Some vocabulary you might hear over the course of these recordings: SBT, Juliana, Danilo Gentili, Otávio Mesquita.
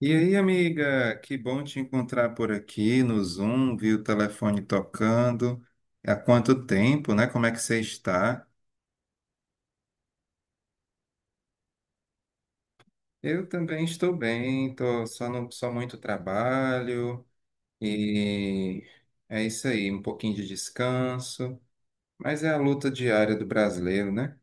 E aí, amiga, que bom te encontrar por aqui no Zoom, vi o telefone tocando. Há quanto tempo, né? Como é que você está? Eu também estou bem, tô só no, só muito trabalho e é isso aí, um pouquinho de descanso, mas é a luta diária do brasileiro, né?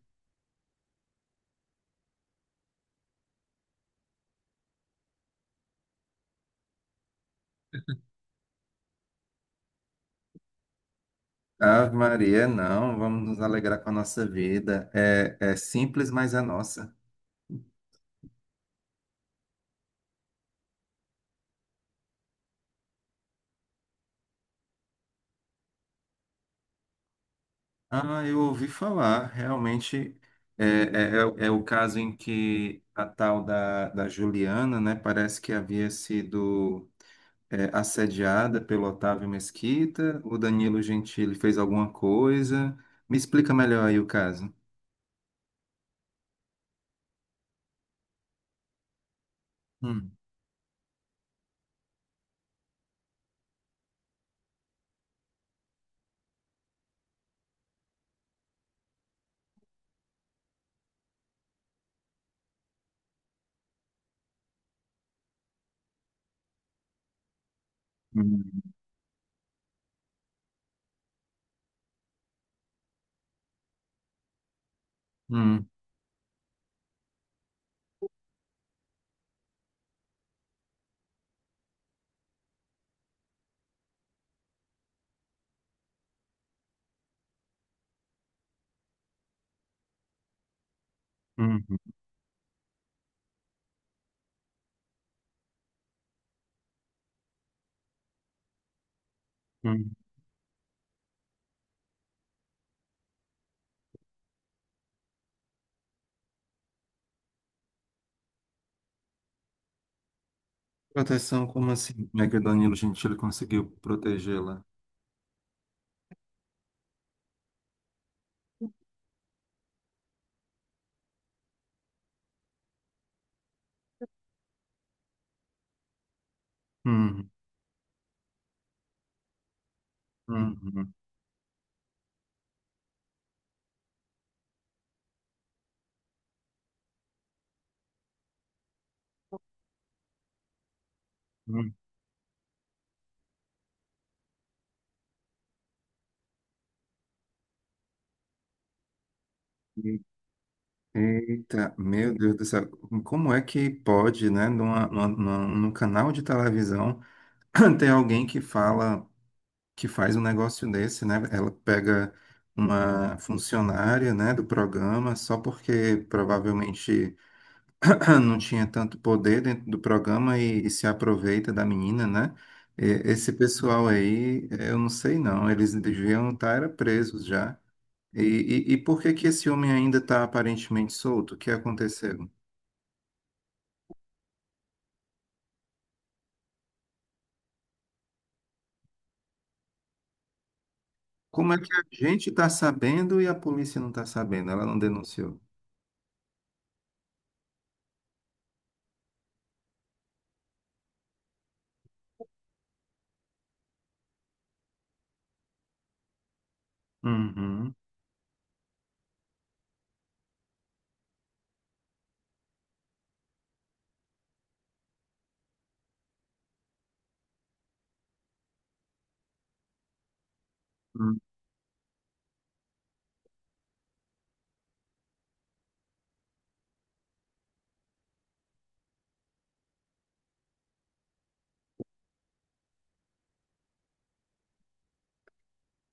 Ave Maria, não, vamos nos alegrar com a nossa vida. É, é simples, mas é nossa. Ah, eu ouvi falar, realmente é o caso em que a tal da Juliana, né, parece que havia sido assediada pelo Otávio Mesquita, o Danilo Gentili fez alguma coisa. Me explica melhor aí o caso. Hum, hum, hum, hum, hum. Proteção, como assim? Como é que o Danilo Gentili conseguiu protegê-la? Hum, hum, hum, hum. Hum. Eita, meu Deus do céu, como é que pode, né, num canal de televisão ter alguém que fala, que faz um negócio desse, né? Ela pega uma funcionária, né, do programa só porque provavelmente não tinha tanto poder dentro do programa e se aproveita da menina, né? E- Esse pessoal aí, eu não sei não, eles deviam estar era presos já. E, e por que que esse homem ainda está aparentemente solto? O que aconteceu? Como é que a gente está sabendo e a polícia não está sabendo? Ela não denunciou. Uhum. Hum.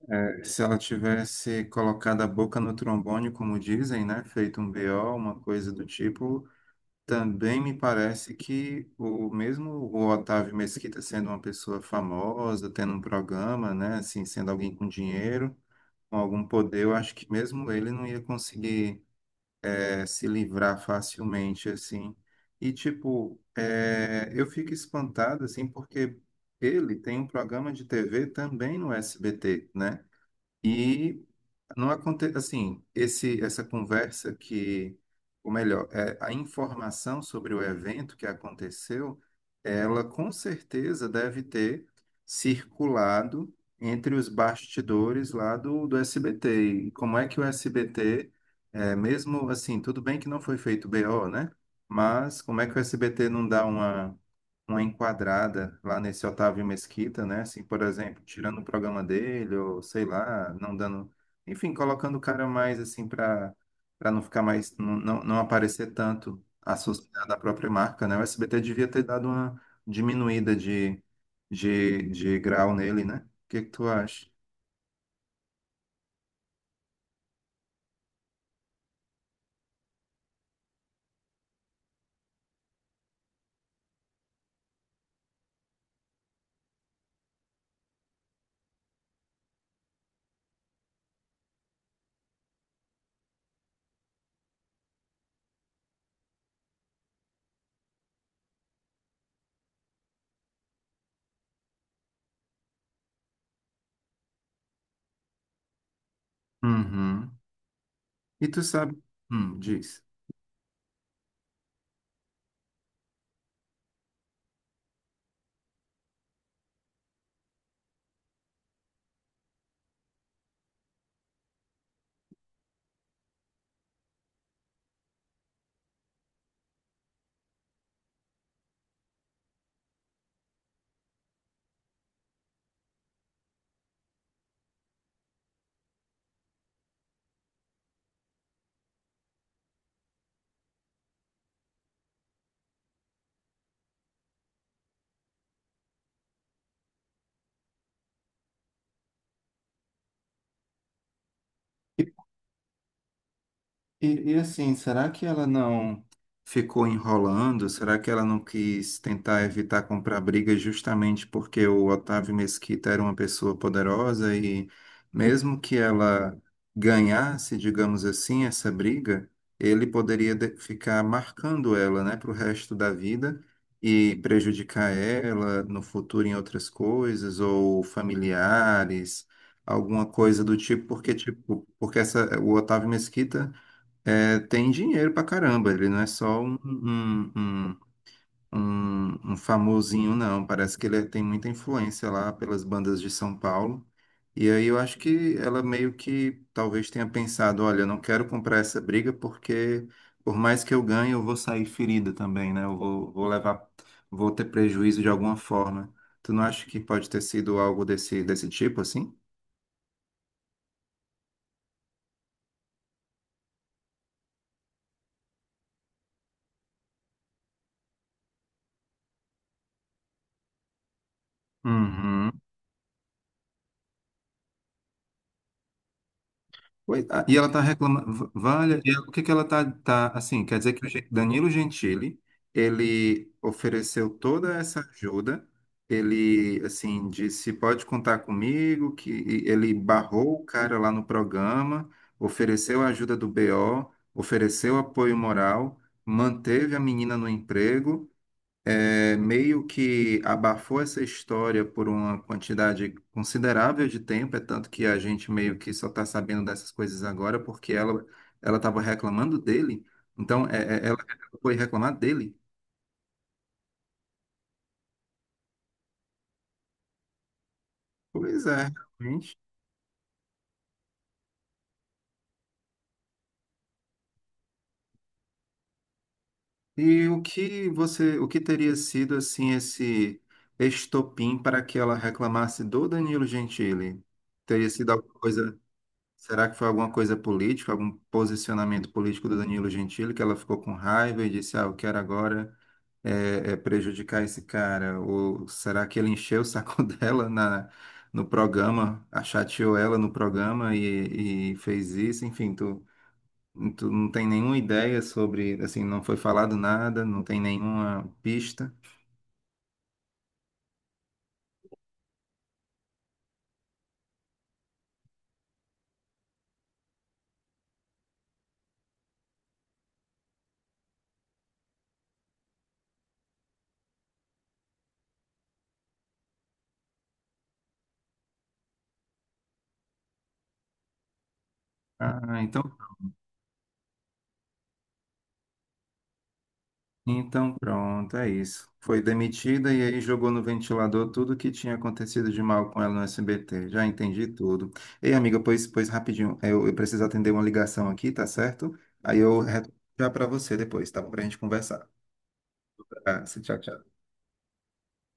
É, se ela tivesse colocado a boca no trombone, como dizem, né? Feito um BO, uma coisa do tipo, também me parece que o mesmo o Otávio Mesquita sendo uma pessoa famosa, tendo um programa, né? Assim, sendo alguém com dinheiro, com algum poder, eu acho que mesmo ele não ia conseguir se livrar facilmente, assim. E, tipo, é, eu fico espantado, assim, porque ele tem um programa de TV também no SBT, né? E não acontece assim, esse essa conversa que, ou melhor, é, a informação sobre o evento que aconteceu, ela com certeza deve ter circulado entre os bastidores lá do SBT. E como é que o SBT, é, mesmo assim, tudo bem que não foi feito BO, né? Mas como é que o SBT não dá uma enquadrada lá nesse Otávio Mesquita, né? Assim, por exemplo, tirando o programa dele, ou sei lá, não dando. Enfim, colocando o cara mais assim para não ficar mais. Não, não, não aparecer tanto associado à própria marca, né? O SBT devia ter dado uma diminuída de grau nele, né? O que que tu acha? Uhum. E tu sabe. Diz. E assim, será que ela não ficou enrolando? Será que ela não quis tentar evitar comprar briga justamente porque o Otávio Mesquita era uma pessoa poderosa e mesmo que ela ganhasse, digamos assim, essa briga, ele poderia de- ficar marcando ela, né, para o resto da vida e prejudicar ela no futuro em outras coisas ou familiares, alguma coisa do tipo, porque essa, o Otávio Mesquita é, tem dinheiro pra caramba, ele não é só um famosinho, não. Parece que ele é, tem muita influência lá pelas bandas de São Paulo. E aí eu acho que ela meio que talvez tenha pensado, olha, eu não quero comprar essa briga porque por mais que eu ganhe, eu vou sair ferida também, né? Vou levar, vou ter prejuízo de alguma forma. Tu não acha que pode ter sido algo desse, desse tipo, assim? Uhum. Pois- ah, e ela está reclamando, vale, e ela- o que que ela está, tá, tá, assim, quer dizer que o Gen- Danilo Gentili, ele ofereceu toda essa ajuda, ele, assim, disse, pode contar comigo, que e ele barrou o cara lá no programa, ofereceu a ajuda do BO, ofereceu apoio moral, manteve a menina no emprego, é, meio que abafou essa história por uma quantidade considerável de tempo, é tanto que a gente meio que só está sabendo dessas coisas agora porque ela estava reclamando dele, então é, ela foi reclamar dele. Pois é, realmente. E o que você, o que teria sido assim esse estopim para que ela reclamasse do Danilo Gentili? Teria sido alguma coisa. Será que foi alguma coisa política, algum posicionamento político do Danilo Gentili que ela ficou com raiva e disse, ah, eu quero agora é prejudicar esse cara? Ou será que ele encheu o saco dela na, no programa, a chateou ela no programa e fez isso? Enfim, tu, tu não tem nenhuma ideia sobre, assim, não foi falado nada, não tem nenhuma pista. Ah, então, então, pronto, é isso. Foi demitida e aí jogou no ventilador tudo que tinha acontecido de mal com ela no SBT. Já entendi tudo. Ei, amiga, pois, pois rapidinho, eu preciso atender uma ligação aqui, tá certo? Aí eu retorno já para você depois, tá bom? Pra gente conversar. Tá? Tchau, tchau.